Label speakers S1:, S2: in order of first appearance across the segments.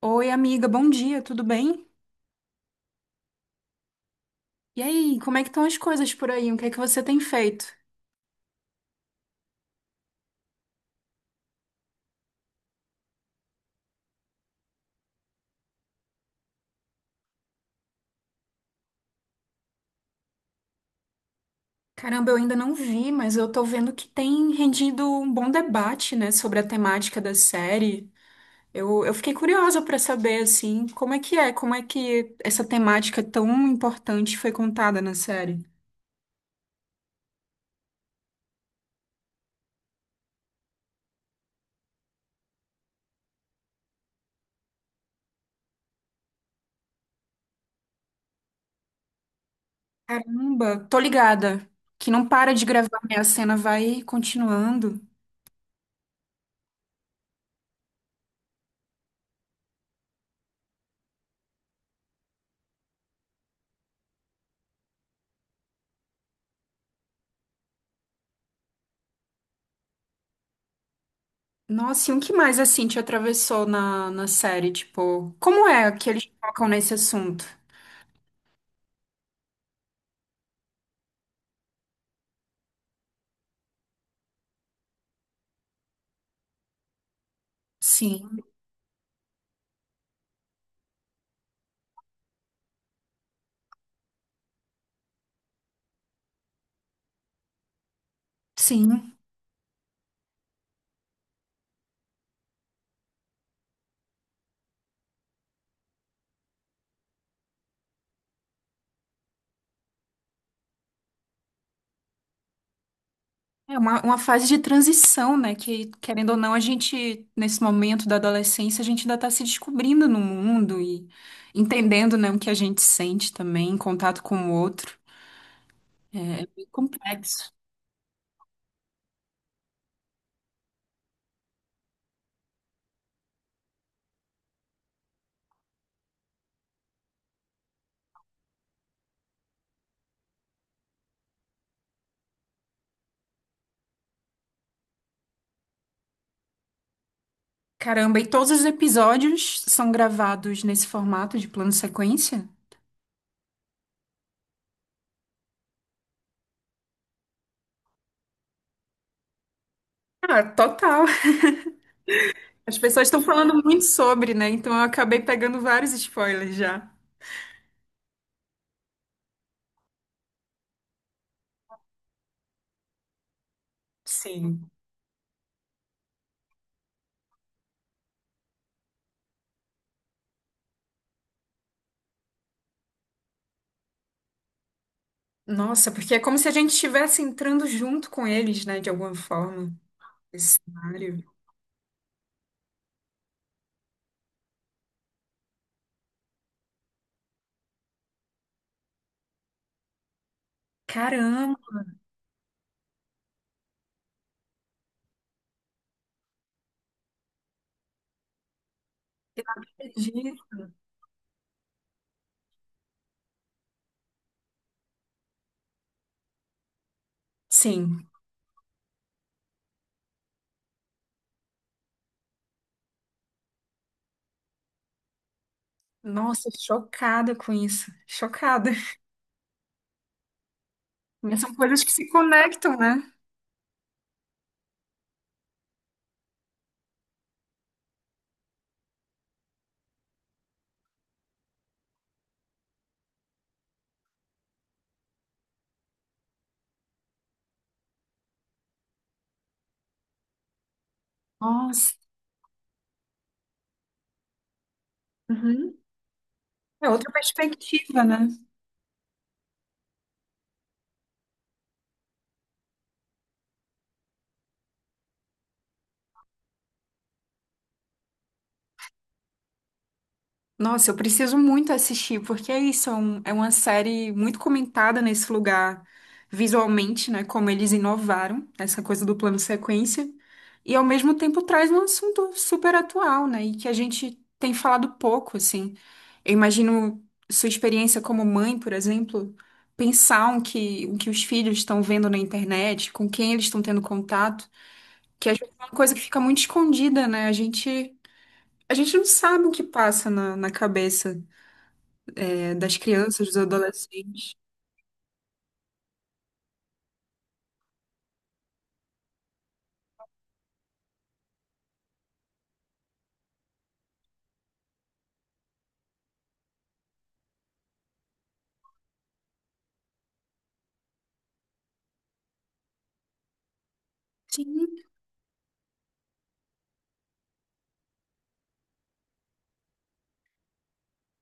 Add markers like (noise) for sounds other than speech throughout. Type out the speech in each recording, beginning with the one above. S1: Oi, amiga, bom dia, tudo bem? E aí, como é que estão as coisas por aí? O que é que você tem feito? Caramba, eu ainda não vi, mas eu tô vendo que tem rendido um bom debate, né, sobre a temática da série. Eu fiquei curiosa pra saber, assim, como é que é, como é que essa temática tão importante foi contada na série. Caramba, tô ligada, que não para de gravar, né? A cena vai continuando. Nossa, e o que mais, assim, te atravessou na série? Tipo, como é que eles tocam nesse assunto? Sim, sim. É uma fase de transição, né? Que, querendo ou não, a gente, nesse momento da adolescência, a gente ainda está se descobrindo no mundo e entendendo, né, o que a gente sente também, em contato com o outro. É é bem complexo. Caramba, e todos os episódios são gravados nesse formato de plano sequência? Ah, total. As pessoas estão falando muito sobre, né? Então eu acabei pegando vários spoilers já. Sim. Nossa, porque é como se a gente estivesse entrando junto com eles, né, de alguma forma, nesse cenário. Caramba, entendi. Sim. Nossa, chocada com isso. Chocada. Mas são coisas que se conectam, né? Nossa. Uhum. É outra perspectiva, né? Nossa, eu preciso muito assistir, porque é isso, é, um- é uma série muito comentada nesse lugar visualmente, né? Como eles inovaram essa coisa do plano sequência, e ao mesmo tempo traz um assunto super atual, né? E que a gente tem falado pouco, assim. Eu imagino sua experiência como mãe, por exemplo, pensar o que os filhos estão vendo na internet, com quem eles estão tendo contato, que às vezes é uma coisa que fica muito escondida, né? A gente não sabe o que passa na cabeça das crianças, dos adolescentes. Sim.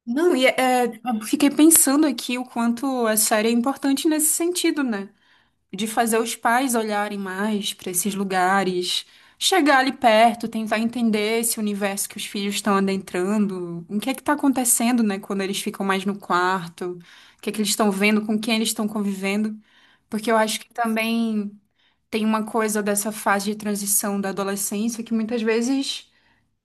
S1: Não, e é, é, eu fiquei pensando aqui o quanto a série é importante nesse sentido, né? De fazer os pais olharem mais para esses lugares, chegar ali perto, tentar entender esse universo que os filhos estão adentrando, o que é que está acontecendo, né, quando eles ficam mais no quarto, o que é que eles estão vendo, com quem eles estão convivendo, porque eu acho que também tem uma coisa dessa fase de transição da adolescência que muitas vezes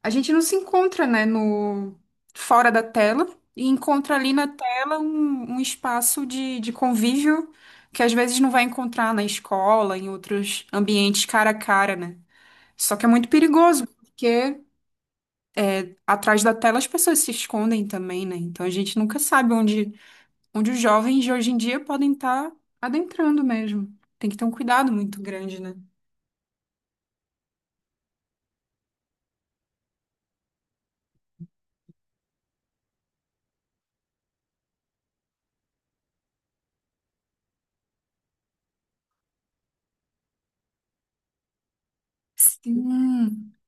S1: a gente não se encontra, né, no fora da tela e encontra ali na tela um, um espaço de convívio que às vezes não vai encontrar na escola, em outros ambientes cara a cara, né? Só que é muito perigoso, porque atrás da tela as pessoas se escondem também, né? Então a gente nunca sabe onde, onde os jovens de hoje em dia podem estar adentrando mesmo. Tem que ter um cuidado muito grande, né? Sim,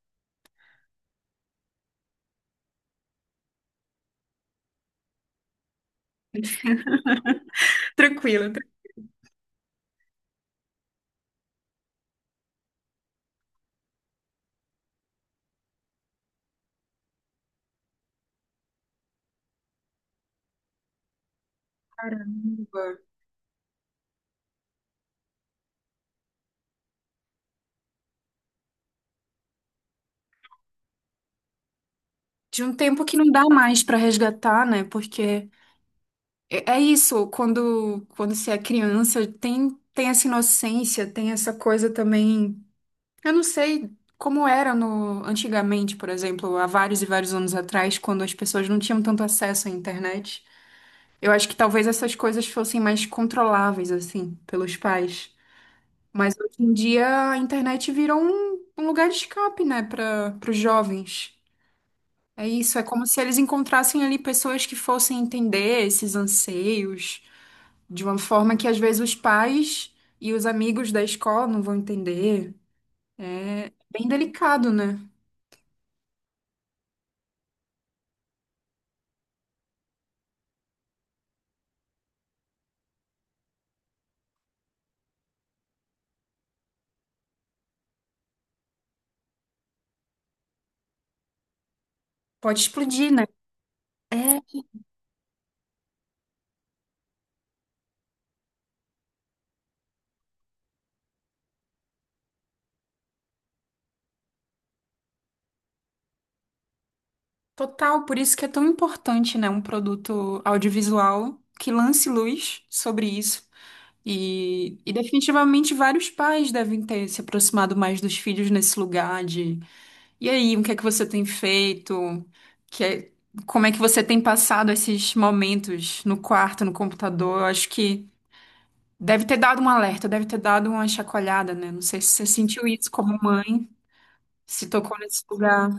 S1: tranquila. Caramba. De um tempo que não dá mais para resgatar, né? Porque é é isso, quando você é criança, tem essa inocência, tem essa coisa também. Eu não sei como era no antigamente, por exemplo, há vários e vários anos atrás, quando as pessoas não tinham tanto acesso à internet. Eu acho que talvez essas coisas fossem mais controláveis assim pelos pais. Mas hoje em dia a internet virou um, um lugar de escape, né, para os jovens. É isso, é como se eles encontrassem ali pessoas que fossem entender esses anseios de uma forma que às vezes os pais e os amigos da escola não vão entender. É bem delicado, né? Pode explodir, né? É total, por isso que é tão importante, né, um produto audiovisual que lance luz sobre isso. E definitivamente vários pais devem ter se aproximado mais dos filhos nesse lugar. E aí, o que é que você tem feito? Que é- Como é que você tem passado esses momentos no quarto, no computador? Eu acho que deve ter dado um alerta, deve ter dado uma chacoalhada, né? Não sei se você sentiu isso como mãe, se tocou nesse lugar.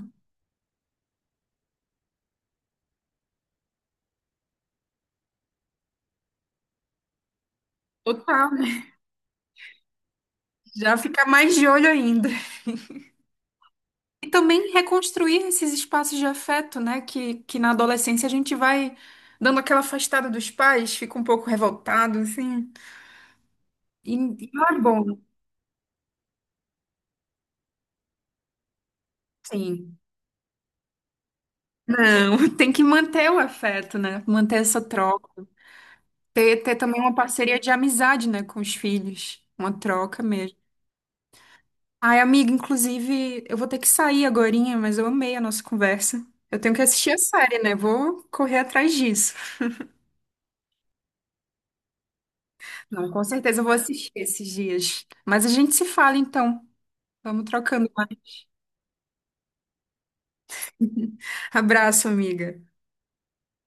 S1: Total, né? Já fica mais de olho ainda. E também reconstruir esses espaços de afeto, né? Que na adolescência a gente vai dando aquela afastada dos pais, fica um pouco revoltado, assim. E não é bom, sim. Não, (laughs) tem que manter o afeto, né? Manter essa troca. Ter também uma parceria de amizade, né, com os filhos. Uma troca mesmo. Ai, amiga, inclusive, eu vou ter que sair agorinha, mas eu amei a nossa conversa. Eu tenho que assistir a série, né? Vou correr atrás disso. Não, com certeza eu vou assistir esses dias. Mas a gente se fala então. Vamos trocando mais. (laughs) Abraço, amiga.